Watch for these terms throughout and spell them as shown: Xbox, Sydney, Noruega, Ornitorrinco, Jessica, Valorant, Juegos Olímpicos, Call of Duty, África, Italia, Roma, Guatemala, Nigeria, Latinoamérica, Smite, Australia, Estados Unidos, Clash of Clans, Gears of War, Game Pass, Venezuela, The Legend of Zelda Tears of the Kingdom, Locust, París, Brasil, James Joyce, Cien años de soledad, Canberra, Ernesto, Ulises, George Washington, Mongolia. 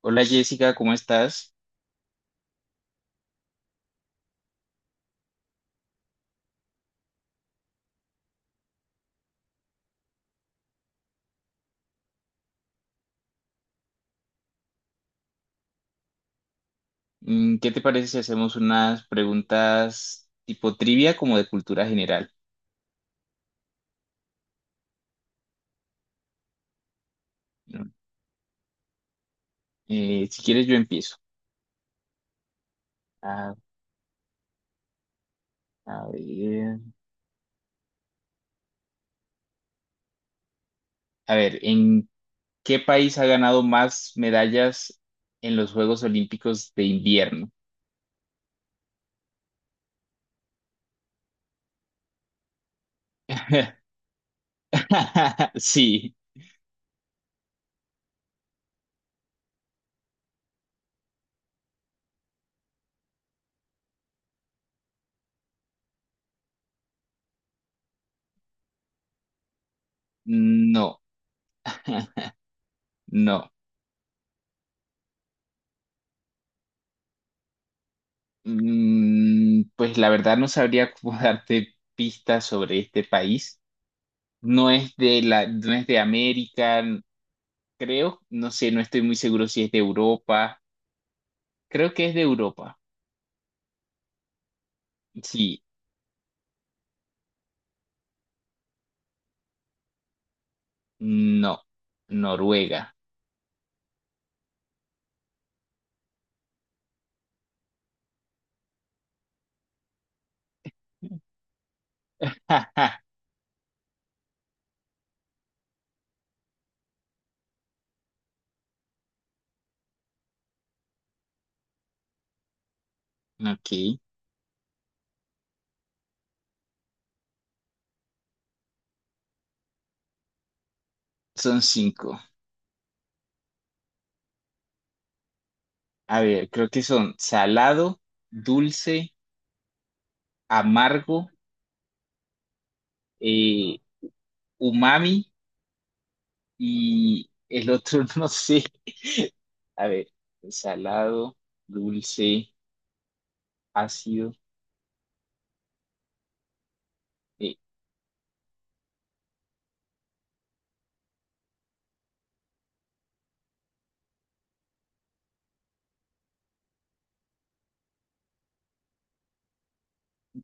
Hola Jessica, ¿cómo estás? ¿Qué te parece si hacemos unas preguntas tipo trivia como de cultura general? ¿No? Si quieres yo empiezo. A, a ver, ¿En qué país ha ganado más medallas en los Juegos Olímpicos de invierno? Sí, no, no. Pues la verdad no sabría cómo darte pistas sobre este país. No es de América. Creo, no sé, no estoy muy seguro si es de Europa. Creo que es de Europa. Sí, no. Noruega. Ajá. Ok, son cinco. A ver, creo que son salado, dulce, amargo, eh, umami y el otro no sé. A ver, salado, dulce, ácido, eh,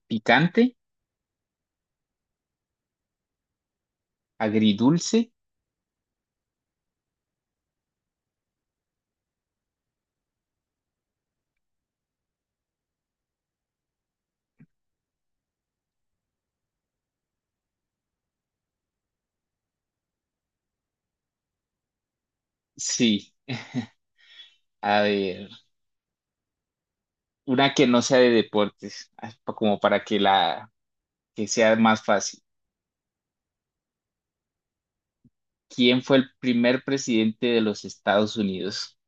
picante, agridulce. Sí, a ver. Una que no sea de deportes, ah, como para que la que sea más fácil. ¿Quién fue el primer presidente de los Estados Unidos?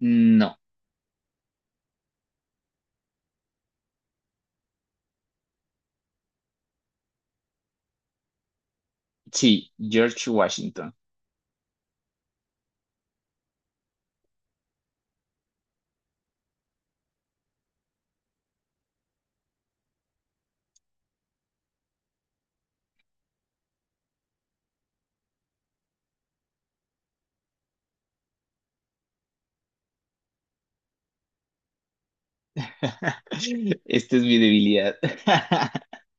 No. Sí, George Washington. Esta es mi debilidad.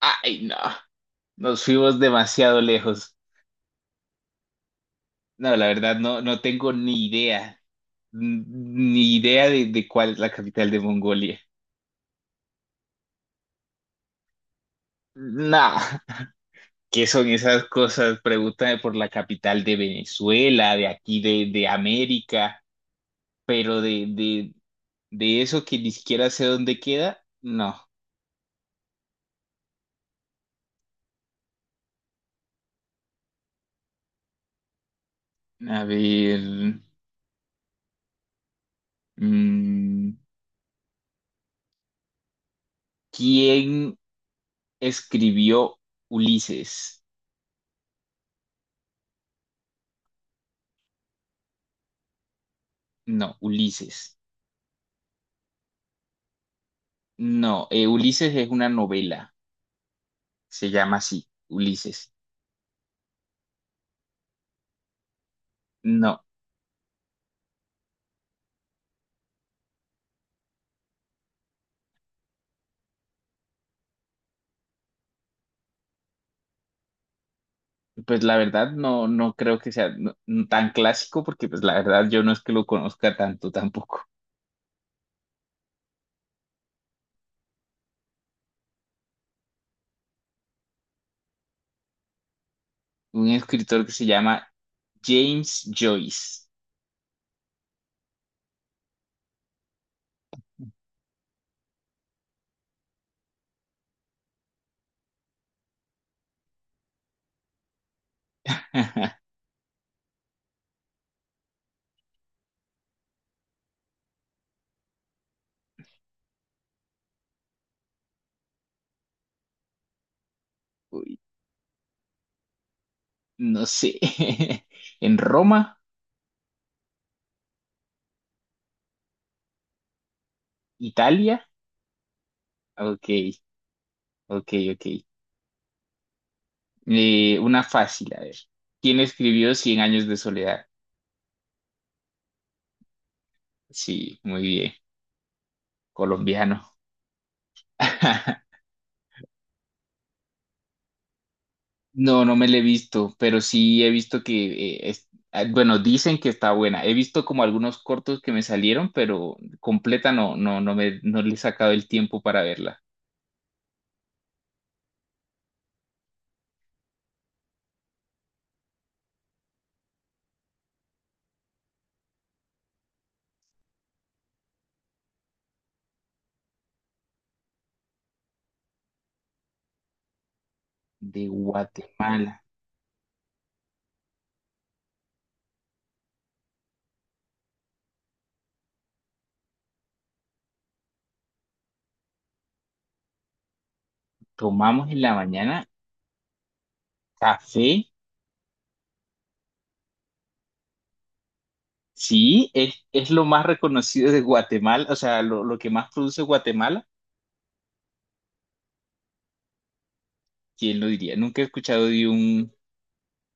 Ay, no. Nos fuimos demasiado lejos. No, la verdad, no, no tengo ni idea. N- Ni idea de cuál es la capital de Mongolia. No. ¿Qué son esas cosas? Pregúntame por la capital de Venezuela, de aquí de América, pero de eso que ni siquiera sé dónde queda, no. A ver, mm, ¿quién escribió Ulises? No, Ulises. No, Ulises es una novela, se llama así, Ulises. No, pues la verdad no, no creo que sea no, tan clásico porque pues la verdad yo no es que lo conozca tanto tampoco. Un escritor que se llama James Joyce. Uy, no sé. En Roma, Italia. Ok, ok, ok. Una fácil, a ver. ¿Quién escribió Cien años de soledad? Sí, muy bien. Colombiano. No, no me la he visto, pero sí he visto que, ah, bueno, dicen que está buena. He visto como algunos cortos que me salieron, pero completa no, no, no le he sacado el tiempo para verla. De Guatemala. Tomamos en la mañana café. Sí, es lo más reconocido de Guatemala, o sea, lo que más produce Guatemala. ¿Quién lo diría? Nunca he escuchado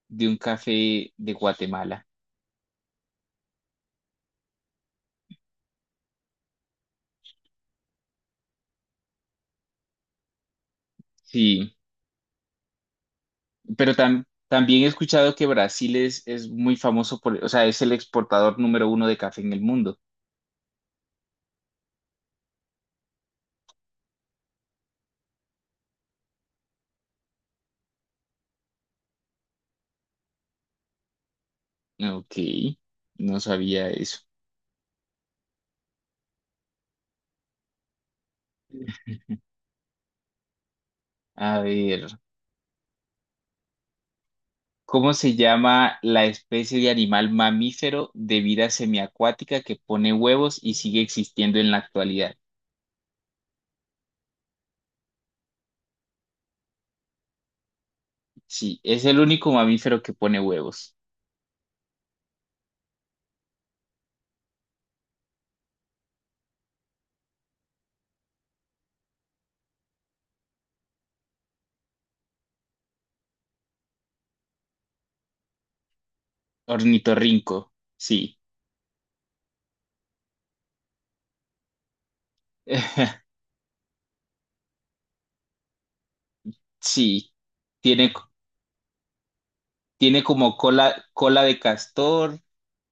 de un café de Guatemala. Sí, pero también he escuchado que Brasil es muy famoso por, o sea, es el exportador número uno de café en el mundo. Ok, no sabía eso. A ver. ¿Cómo se llama la especie de animal mamífero de vida semiacuática que pone huevos y sigue existiendo en la actualidad? Sí, es el único mamífero que pone huevos. Ornitorrinco, sí. Sí, tiene, tiene como cola, cola de castor,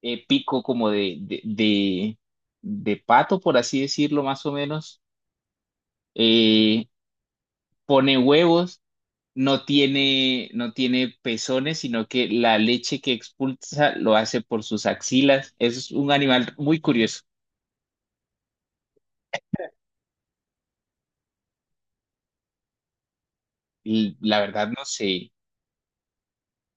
pico como de pato, por así decirlo, más o menos. Eh, Pone huevos, no tiene, no tiene pezones, sino que la leche que expulsa lo hace por sus axilas. Es un animal muy curioso. Y la verdad no sé,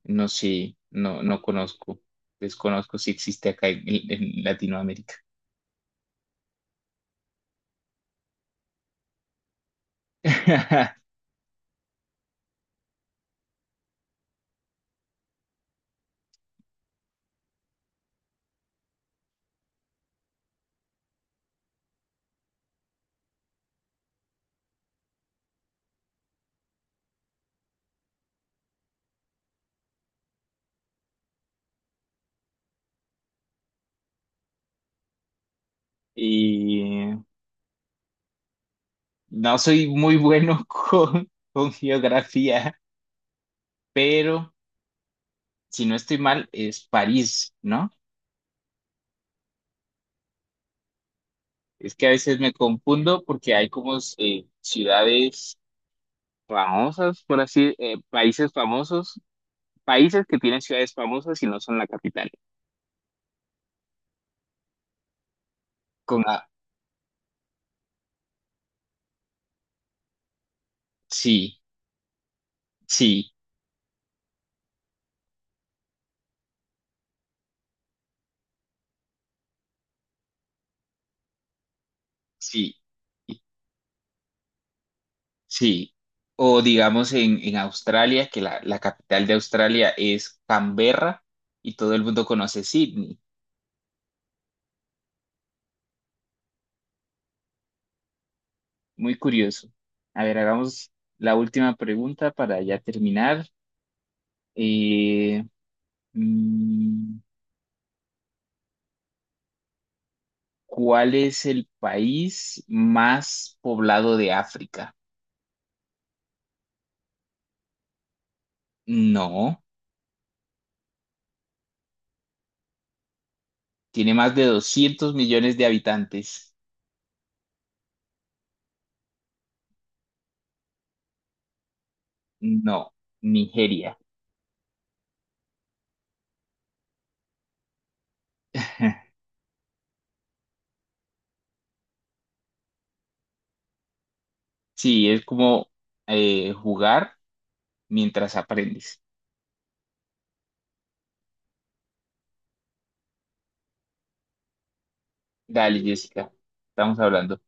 no sé, no, no conozco, desconozco si existe acá en Latinoamérica. Y no soy muy bueno con geografía, pero si no estoy mal, es París, ¿no? Es que a veces me confundo porque hay como ciudades famosas, por así, países famosos, países que tienen ciudades famosas y no son la capital. Con A, sí, sí, sí, sí. O digamos en Australia, que la capital de Australia es Canberra y todo el mundo conoce Sydney. Muy curioso. A ver, hagamos la última pregunta para ya terminar. Eh, mm, ¿Cuál es el país más poblado de África? No. Tiene más de 200 millones de habitantes. No, Nigeria. Sí, es como jugar mientras aprendes. Dale, Jessica, estamos hablando.